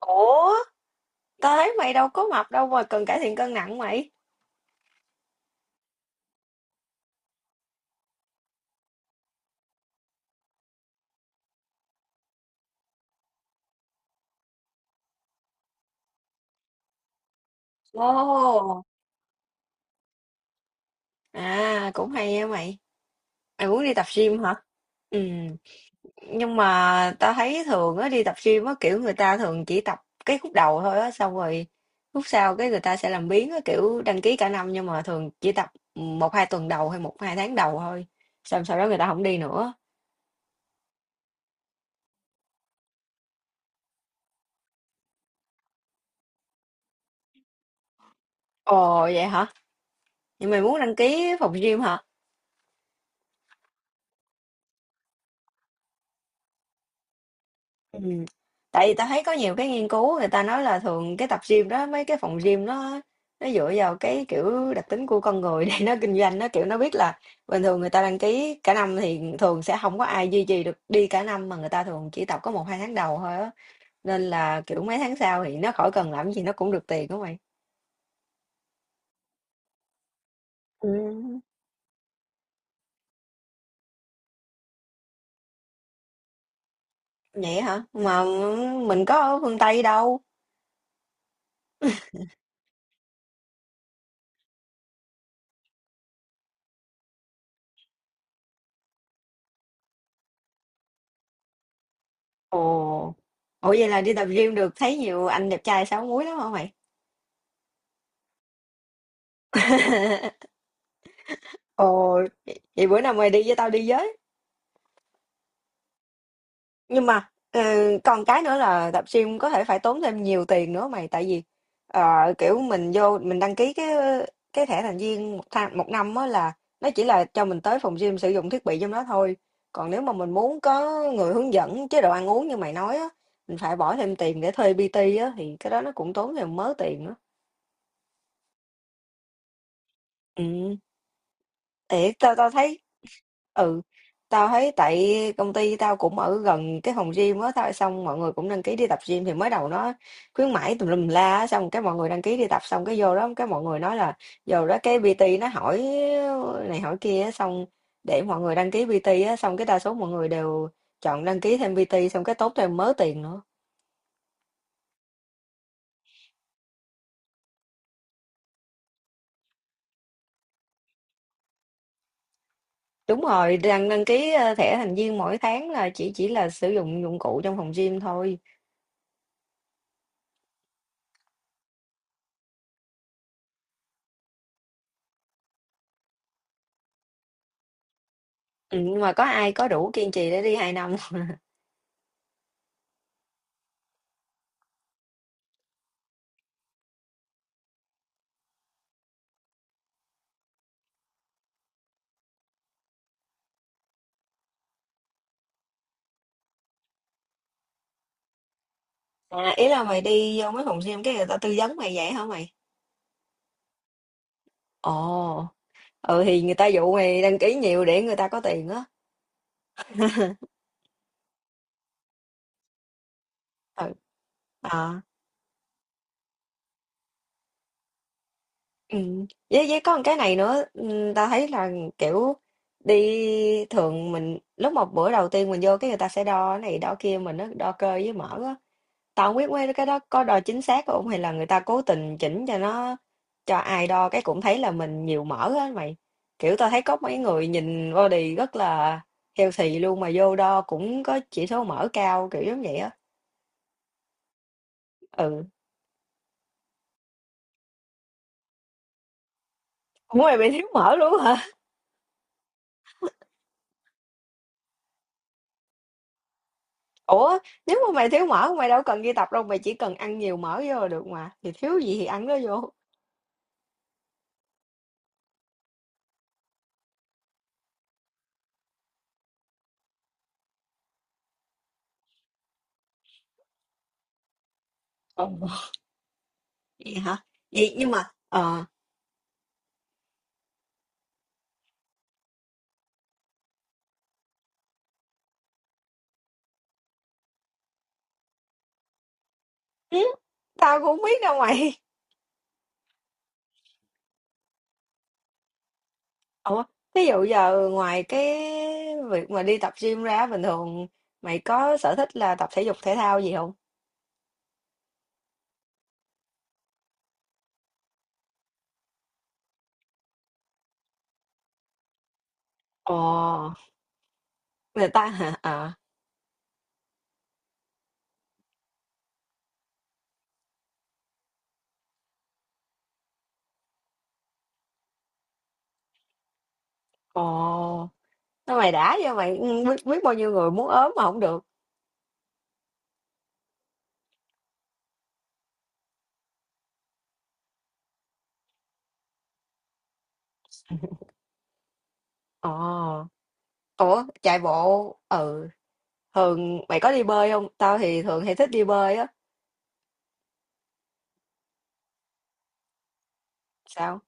Ủa, tao thấy mày đâu có mập đâu mà cần cải thiện cân nặng mày. Ồ. À, cũng hay á mày. Mày muốn đi tập gym hả? Ừ. Nhưng mà tao thấy thường á đi tập gym á kiểu người ta thường chỉ tập cái khúc đầu thôi á xong rồi khúc sau cái người ta sẽ làm biếng á kiểu đăng ký cả năm nhưng mà thường chỉ tập một hai tuần đầu hay một hai tháng đầu thôi. Xong sau đó người ta không đi nữa. Ồ vậy hả? Nhưng mày muốn đăng ký phòng gym hả? Ừm. Tại vì ta thấy có nhiều cái nghiên cứu người ta nói là thường cái tập gym đó, mấy cái phòng gym nó dựa vào cái, kiểu, đặc tính của con người để nó kinh doanh. Nó, kiểu, nó biết là bình thường người ta đăng ký cả năm thì thường sẽ không có ai duy trì được đi cả năm, mà người ta thường chỉ tập có một hai tháng đầu thôi á, nên là, kiểu, mấy tháng sau thì nó khỏi cần làm gì nó cũng được tiền á mày. Ừm. Vậy hả? Mà mình có ở phương Tây đâu. Ồ. Ủa, vậy là đi tập gym được thấy nhiều anh đẹp trai 6 múi lắm hả mày? Ồ, vậy vậy bữa nào mày đi với tao đi với. Nhưng mà còn cái nữa là tập gym có thể phải tốn thêm nhiều tiền nữa mày, tại vì kiểu mình vô mình đăng ký cái thẻ thành viên một tháng một năm á là nó chỉ là cho mình tới phòng gym sử dụng thiết bị trong đó thôi. Còn nếu mà mình muốn có người hướng dẫn chế độ ăn uống như mày nói á, mình phải bỏ thêm tiền để thuê PT á thì cái đó nó cũng tốn thêm mớ tiền nữa. Ừ. Thiệt, tao tao thấy ừ, tao thấy tại công ty tao cũng ở gần cái phòng gym á, tao xong mọi người cũng đăng ký đi tập gym thì mới đầu nó khuyến mãi tùm lum la á, xong cái mọi người đăng ký đi tập xong cái vô đó cái mọi người nói là vô đó cái PT nó hỏi này hỏi kia á, xong để mọi người đăng ký PT á, xong cái đa số mọi người đều chọn đăng ký thêm PT xong cái tốn thêm mớ tiền nữa. Đúng rồi, đăng đăng ký thẻ thành viên mỗi tháng là chỉ là sử dụng dụng cụ trong phòng gym thôi. Ừ, nhưng mà có ai có đủ kiên trì để đi 2 năm. À, ý là mày đi vô mấy phòng gym cái người ta tư vấn mày vậy hả mày? Ồ, ừ thì người ta dụ mày đăng ký nhiều để người ta có tiền á. Ừ. Ừ. Với có một cái này nữa, ta thấy là kiểu đi thường mình lúc một bữa đầu tiên mình vô cái người ta sẽ đo cái này đo kia mình nó đo cơ với mỡ á, tao không biết mấy cái đó có đo chính xác không hay là người ta cố tình chỉnh cho nó cho ai đo cái cũng thấy là mình nhiều mỡ á mày, kiểu tao thấy có mấy người nhìn body rất là healthy luôn mà vô đo cũng có chỉ số mỡ cao kiểu giống vậy á. Ừ, cũng mày bị thiếu mỡ luôn hả. Ủa, nếu mà mày thiếu mỡ mày đâu cần đi tập đâu, mày chỉ cần ăn nhiều mỡ vô là được mà. Thì thiếu gì thì ăn nó vô. Ồ, vậy hả? Vậy nhưng mà ừ, tao cũng không biết đâu mày. Ủa, ví dụ giờ ngoài cái việc mà đi tập gym ra bình thường mày có sở thích là tập thể dục thể thao gì không? Ồ, người ta hả? Ờ. Ồ, nó mày đã vậy mày biết bao nhiêu người muốn ốm mà không được. Ồ. Ủa, chạy bộ, thường mày có đi bơi không? Tao thì thường hay thích đi bơi á. Sao?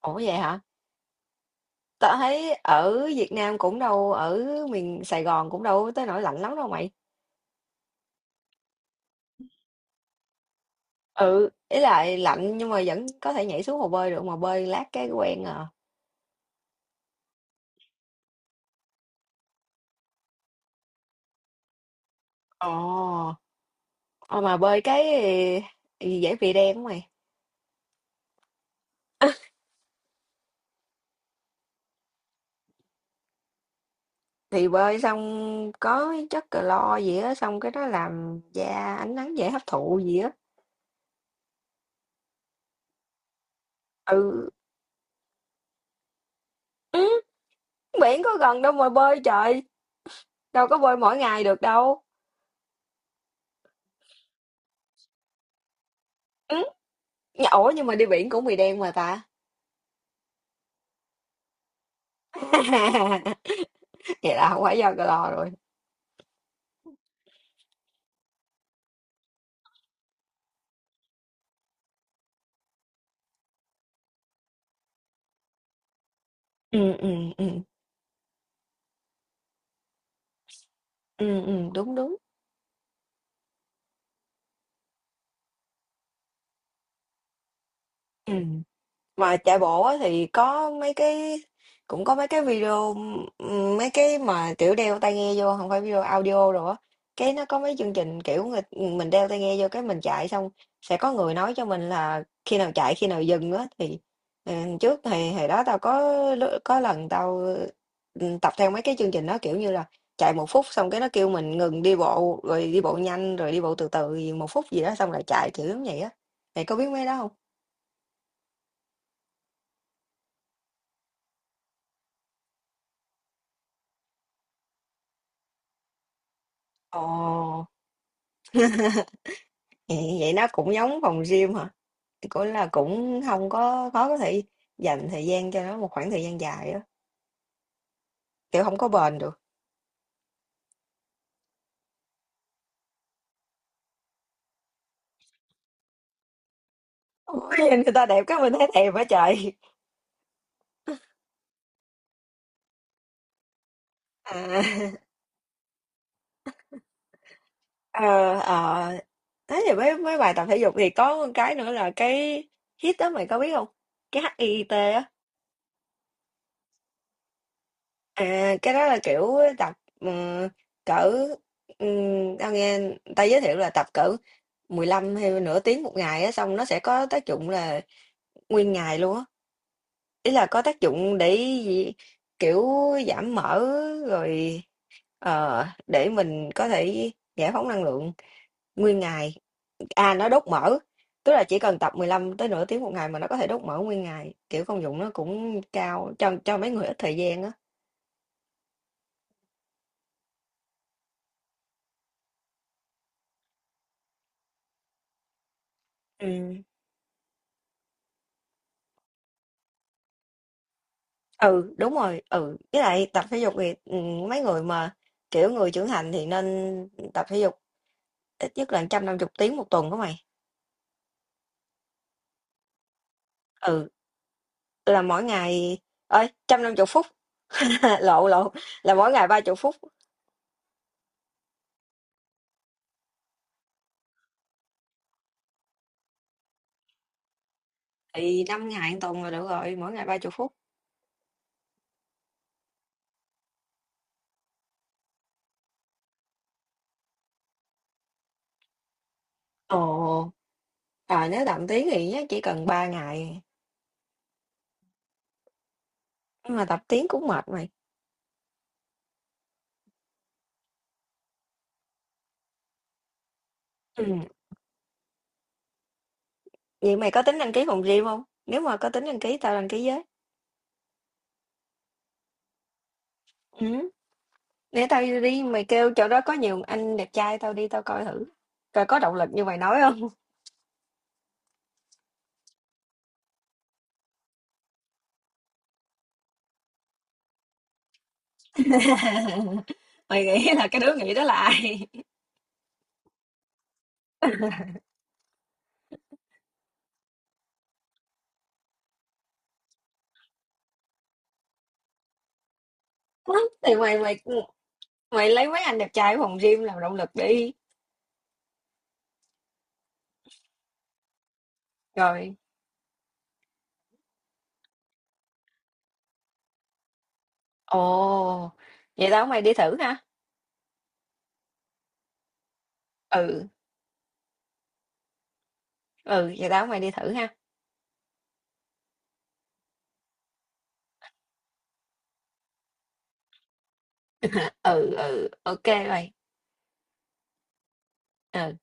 Ủa vậy hả? Tao thấy ở Việt Nam cũng đâu, ở miền Sài Gòn cũng đâu tới nỗi lạnh lắm đâu mày. Ừ, ý là lạnh nhưng mà vẫn có thể nhảy xuống hồ bơi được mà bơi lát cái quen à. Ồ, ờ, mà bơi cái gì dễ bị đen của mày. Thì bơi xong có chất clo gì á, xong cái đó làm da ánh nắng dễ hấp thụ gì á. Ừ, ừ, biển có gần đâu mà bơi trời, đâu có bơi mỗi ngày được đâu. Ừ, ủa nhưng mà đi biển cũng bị đen mà ta. Vậy là không phải do cái lo rồi. Ừ ừ ừ ừ ừ, đúng đúng. Ừ mà chạy bộ á thì có mấy cái video, mấy cái mà kiểu đeo tai nghe vô không phải video audio rồi á, cái nó có mấy chương trình kiểu người, mình đeo tai nghe vô cái mình chạy xong sẽ có người nói cho mình là khi nào chạy khi nào dừng á, thì ừ, trước thì hồi đó tao có có lần tao tập theo mấy cái chương trình đó kiểu như là chạy một phút xong cái nó kêu mình ngừng đi bộ rồi đi bộ nhanh rồi đi bộ từ từ gì một phút gì đó xong lại chạy kiểu giống vậy á, mày có biết mấy đó không? Ồ. Ừ, vậy nó cũng giống phòng gym hả? Cũng là cũng không có khó có thể dành thời gian cho nó một khoảng thời gian dài á. Kiểu không có bền được. Ôi, nhìn người ta đẹp cái mình thấy thèm quá trời. À, ờ, ờ. Thế thì mấy mấy bài tập thể dục thì có một cái nữa là cái HIIT đó mày có biết không? Cái HIIT á. À, cái đó là kiểu tập cỡ, tao nghe người ta giới thiệu là tập cỡ 15 hay nửa tiếng một ngày á xong nó sẽ có tác dụng là nguyên ngày luôn á, ý là có tác dụng để gì, kiểu giảm mỡ rồi để mình có thể giải phóng năng lượng nguyên ngày, à nó đốt mỡ, tức là chỉ cần tập 15 tới nửa tiếng một ngày mà nó có thể đốt mỡ nguyên ngày, kiểu công dụng nó cũng cao cho mấy người ít thời gian á. Ừ. Ừ đúng rồi, ừ với lại tập thể dục thì mấy người mà kiểu người trưởng thành thì nên tập thể dục ít nhất là 150 tiếng một tuần của mày. Ừ là mỗi ngày, ơi, 150 phút, lộn lộn, là mỗi ngày ba chục phút. Thì năm ngày một tuần là được rồi, mỗi ngày ba chục phút. Ồ, à nếu tập tiếng thì chắc chỉ cần ba ngày, nhưng mà tập tiếng cũng mệt mày. Ừ. Vậy mày có tính đăng ký phòng gym không, nếu mà có tính đăng ký tao đăng ký với. Ừ. Để tao đi, mày kêu chỗ đó có nhiều anh đẹp trai tao đi tao coi thử coi có động lực như mày nói không. Mày nghĩ là cái đứa nghĩ đó là ai? Thì mày mày mày lấy mấy anh đẹp trai ở phòng gym làm động lực đi rồi. Ồ, vậy tao mày đi thử ha. Ừ, ừ, vậy tao mày đi thử ha. Ừ, ừ, ok mày. Ừ.